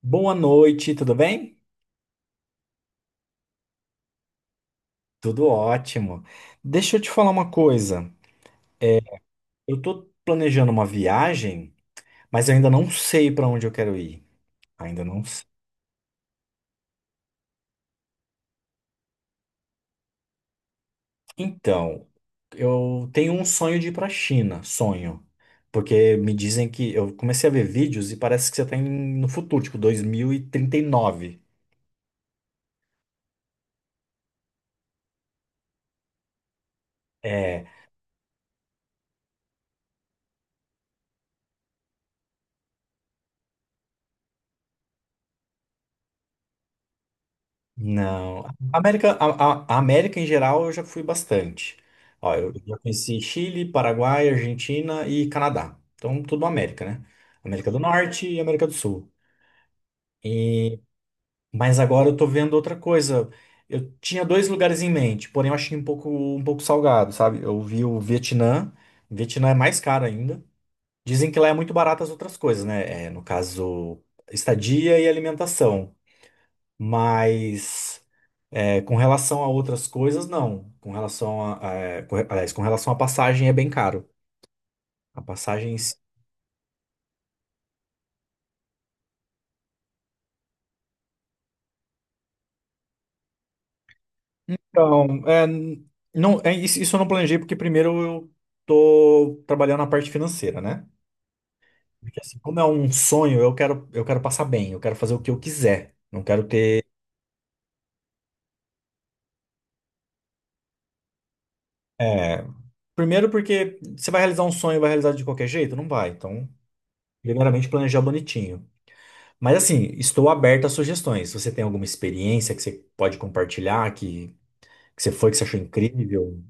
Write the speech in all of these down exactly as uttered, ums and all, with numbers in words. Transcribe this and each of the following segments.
Boa noite, tudo bem? Tudo ótimo. Deixa eu te falar uma coisa. Eu tô planejando uma viagem, mas eu ainda não sei para onde eu quero ir. Ainda não sei. Então, eu tenho um sonho de ir para a China, sonho. Porque me dizem que eu comecei a ver vídeos e parece que você tá em- no futuro, tipo dois mil e trinta e nove. Não. A América, a, a- a América em geral eu já fui bastante. Ó, eu já conheci Chile, Paraguai, Argentina e Canadá. Então, tudo América, né? América do Norte e América do Sul. E, mas agora eu tô vendo outra coisa. Eu tinha dois lugares em mente, porém eu achei um pouco, um pouco salgado, sabe? Eu vi o Vietnã. Vietnã é mais caro ainda. Dizem que lá é muito barato as outras coisas, né? É, no caso, estadia e alimentação. Mas. É, com relação a outras coisas, não. Com relação a, é, com, aliás, com relação à passagem é bem caro. A passagem em si. Então, é, não, é, isso, isso eu não planejei porque primeiro eu tô trabalhando na parte financeira, né? Porque assim, como é um sonho, eu quero, eu quero passar bem, eu quero fazer o que eu quiser. Não quero ter. é, Primeiro porque você vai realizar um sonho, vai realizar de qualquer jeito? Não vai. Então, primeiramente planejar bonitinho. Mas assim, estou aberto a sugestões. Se você tem alguma experiência que você pode compartilhar, que Que você foi, que você achou incrível?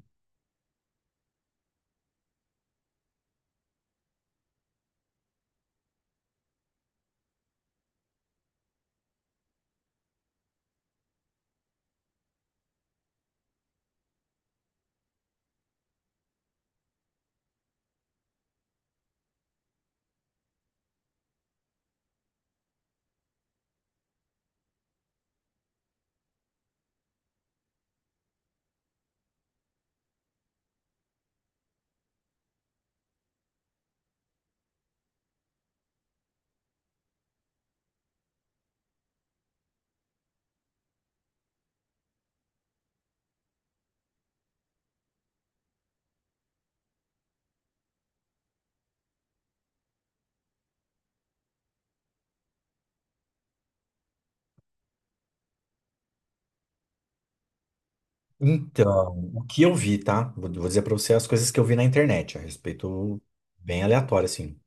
Então, o que eu vi, tá? Vou, vou dizer pra você as coisas que eu vi na internet a respeito, bem aleatório, assim.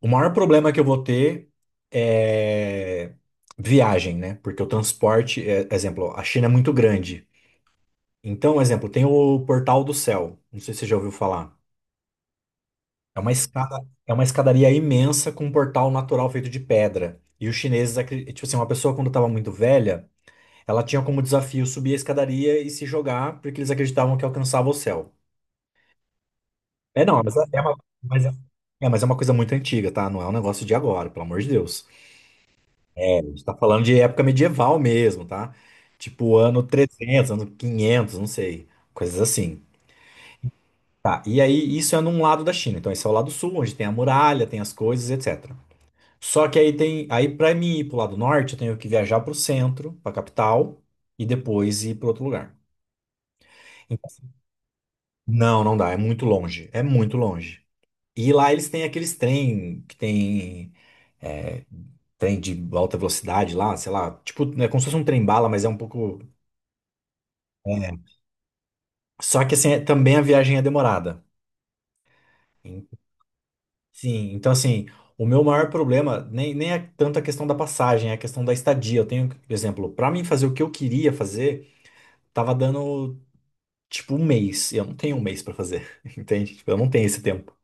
O maior problema que eu vou ter é viagem, né? Porque o transporte, é- exemplo, a China é muito grande. Então, exemplo, tem o Portal do Céu. Não sei se você já ouviu falar. É uma escada, É uma escadaria imensa com um portal natural feito de pedra. E os chineses, acre- tipo assim, uma pessoa quando estava muito velha. Ela tinha como desafio subir a escadaria e se jogar, porque eles acreditavam que alcançava o céu. É, não, mas é é uma, mas é, é, mas é uma coisa muito antiga, tá? Não é um negócio de agora, pelo amor de Deus. É, a gente tá falando de época medieval mesmo, tá? Tipo ano trezentos, ano quinhentos, não sei. Coisas assim. Tá, e aí isso é num lado da China. Então esse é o lado sul, onde tem a muralha, tem as coisas, etcétera. Só que aí tem, aí para mim ir pro lado norte, eu tenho que viajar pro centro, pra capital e depois ir pro outro lugar. Então, não, não dá, é muito longe, é muito longe. E lá eles têm aqueles trem que tem é, trem de alta velocidade lá, sei lá, tipo, é como se fosse um trem-bala, mas é um pouco. É. Só que assim, é- também a viagem é demorada. En- Sim, então assim, o meu maior problema nem, nem é tanto a questão da passagem, é a questão da estadia. Eu tenho, por exemplo, pra mim fazer o que eu queria fazer, tava dando tipo um mês. E eu não tenho um mês pra fazer, entende? Tipo, eu não tenho esse tempo.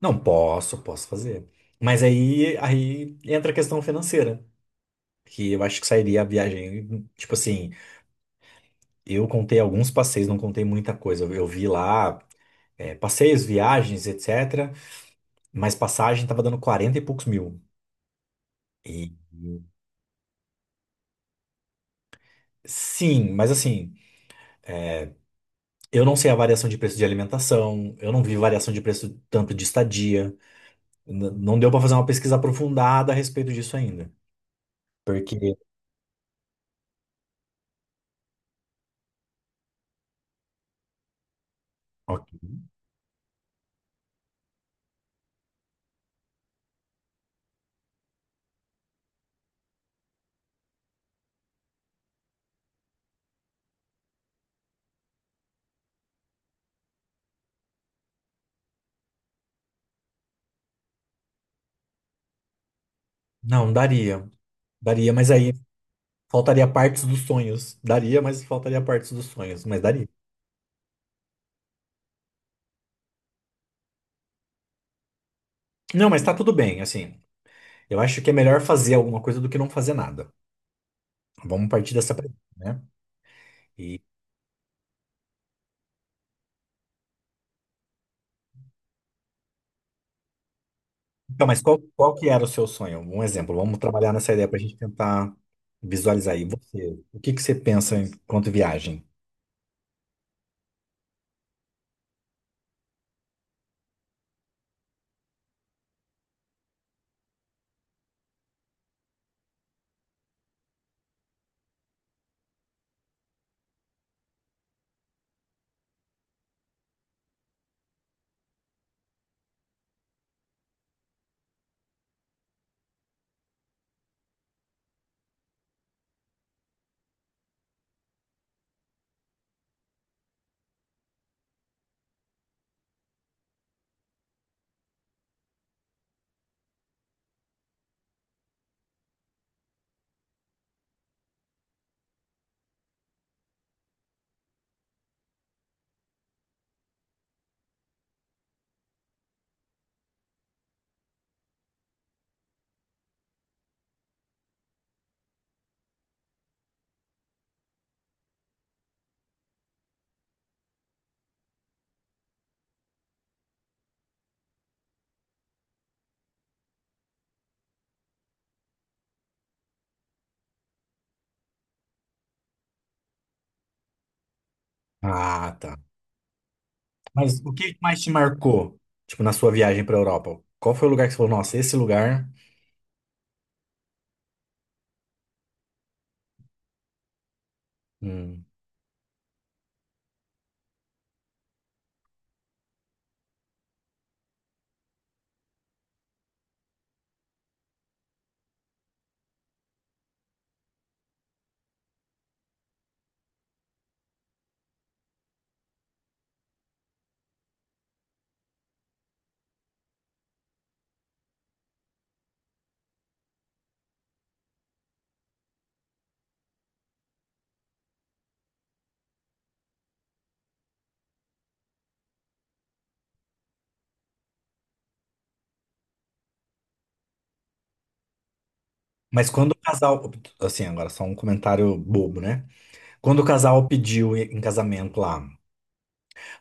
Não, posso, posso fazer. Mas aí, aí entra a questão financeira, que eu acho que sairia a viagem. Tipo assim, eu contei alguns passeios, não contei muita coisa. Eu vi lá, é, passeios, viagens, etcétera. Mas passagem tava dando quarenta e poucos mil. E sim, mas assim, eu não sei a variação de preço de alimentação, eu não vi variação de preço tanto de estadia. N- não deu pra fazer uma pesquisa aprofundada a respeito disso ainda. Porque. Ok. Não, daria. Daria, mas aí. Faltaria partes dos sonhos. Daria, mas faltaria partes dos sonhos. Mas daria. Não, mas tá tudo bem, assim. Eu acho que é melhor fazer alguma coisa do que não fazer nada. Vamos partir dessa premissa, né? Então, mas qual, qual que era o seu sonho? Um exemplo. Vamos trabalhar nessa ideia pra gente tentar visualizar aí. Você, o que que você pensa enquanto viagem? Ah, tá. Mas o que mais te marcou, tipo, na sua viagem pra Europa? Qual foi o lugar que você falou, nossa, esse lugar... Hum. Mas quando o casal... Assim, agora só um comentário bobo, né? Quando o casal pediu em casamento lá,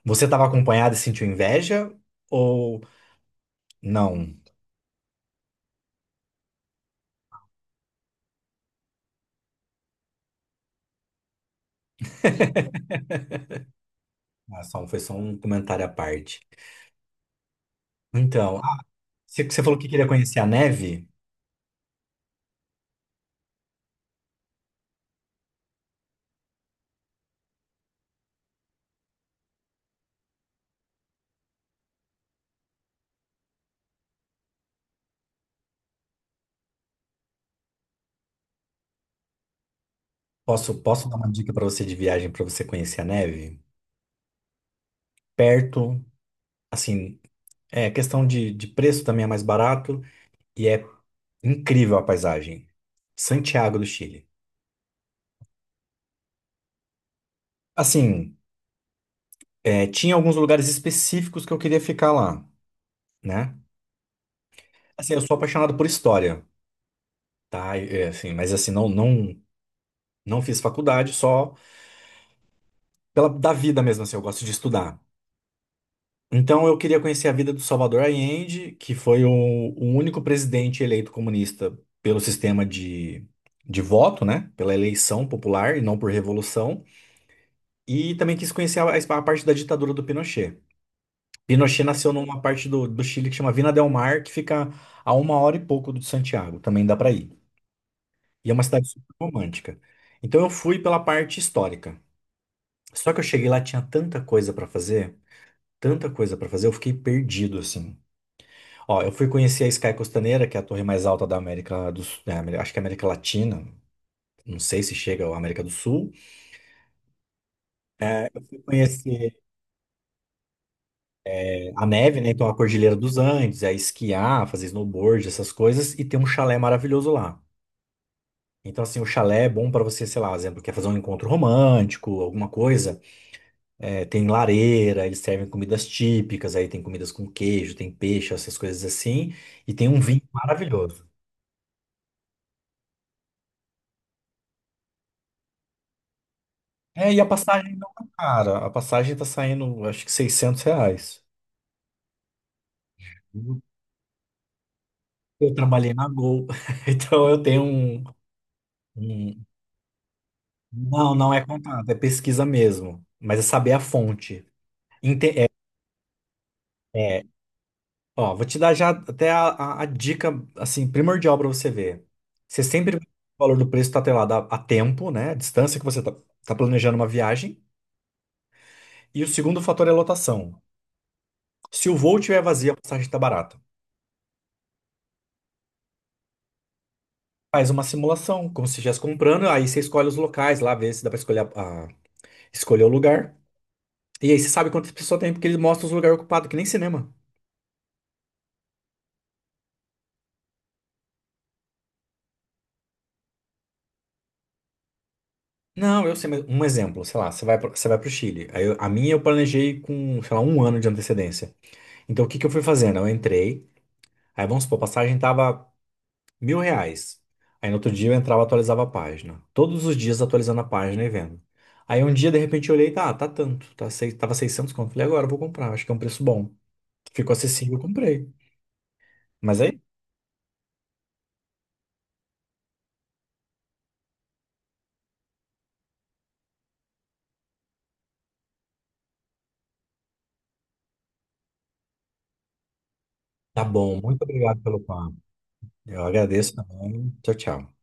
você estava acompanhada e sentiu inveja? Ou não? Ah, só- um, foi só um comentário à parte. Então, ah, você, você falou que queria conhecer a neve? Posso, posso dar uma dica para você de viagem para você conhecer a neve? Perto, assim, é questão de, de preço também é mais barato e é incrível a paisagem. Santiago do Chile. Assim, é, tinha alguns lugares específicos que eu queria ficar lá, né? Assim, eu sou apaixonado por história. Tá, é, assim, mas assim, não, não, não fiz faculdade, só pela da vida mesmo, assim, eu gosto de estudar. Então eu queria conhecer a vida do Salvador Allende, que foi o, o único presidente eleito comunista pelo sistema de, de voto, né? Pela eleição popular e não por revolução. E também quis conhecer a, a parte da ditadura do Pinochet. Pinochet nasceu numa parte do, do Chile que chama Vina del Mar, que fica a uma hora e pouco de Santiago, também dá para ir. E é uma cidade super romântica. Então eu fui pela parte histórica. Só que eu cheguei lá, tinha tanta coisa pra fazer, tanta coisa pra fazer, eu fiquei perdido, assim. Ó, eu fui conhecer a Sky Costaneira, que é a torre mais alta da América do Sul, é, Ameri- acho que é América Latina, não sei se chega à América do Sul. Fui conhecer é, a neve, né? Então a Cordilheira dos Andes, é esquiar, fazer snowboard, essas coisas, e tem um chalé maravilhoso lá. Então, assim, o chalé é bom pra você, sei lá, exemplo, quer fazer um encontro romântico, alguma coisa. É, tem lareira, eles servem comidas típicas, aí tem comidas com queijo, tem peixe, essas coisas assim, e tem um vinho maravilhoso. É, e a passagem não tá cara, a passagem tá saindo, acho que seiscentos reais. Eu trabalhei na Gol, então eu tenho um, um- Não, não é contato, é pesquisa mesmo, mas é saber a fonte. Ente- É, é, Ó, vou te dar já até a, a- a dica, assim, primordial para você ver. Você sempre, o valor do preço está atrelado a, a tempo, né? A distância que você está planejando uma viagem. E o segundo fator é a lotação. Se o voo tiver vazio, a passagem está barata. Faz uma simulação, como se estivesse comprando, aí você escolhe os locais lá, vê se dá para escolher, a- a- escolher o lugar. E aí você sabe quantas pessoas tem, porque ele mostra os lugares ocupados, que nem cinema. Não, eu sei, mas um exemplo, sei lá, você vai, pro- você vai para o Chile. Aí eu- a minha eu planejei com, sei lá, um ano de antecedência. Então, o que que eu fui fazendo? Eu entrei, aí vamos supor, a passagem tava mil reais. Aí no outro dia eu entrava e atualizava a página. Todos os dias atualizando a página e vendo. Aí um dia, de repente, eu olhei, tá, tá tanto, tá, sei- tava seiscentos conto. Falei, agora eu vou comprar, acho que é um preço bom. Ficou acessível, eu comprei. Mas aí, tá bom, muito obrigado pelo papo. Eu agradeço também. Tchau, tchau.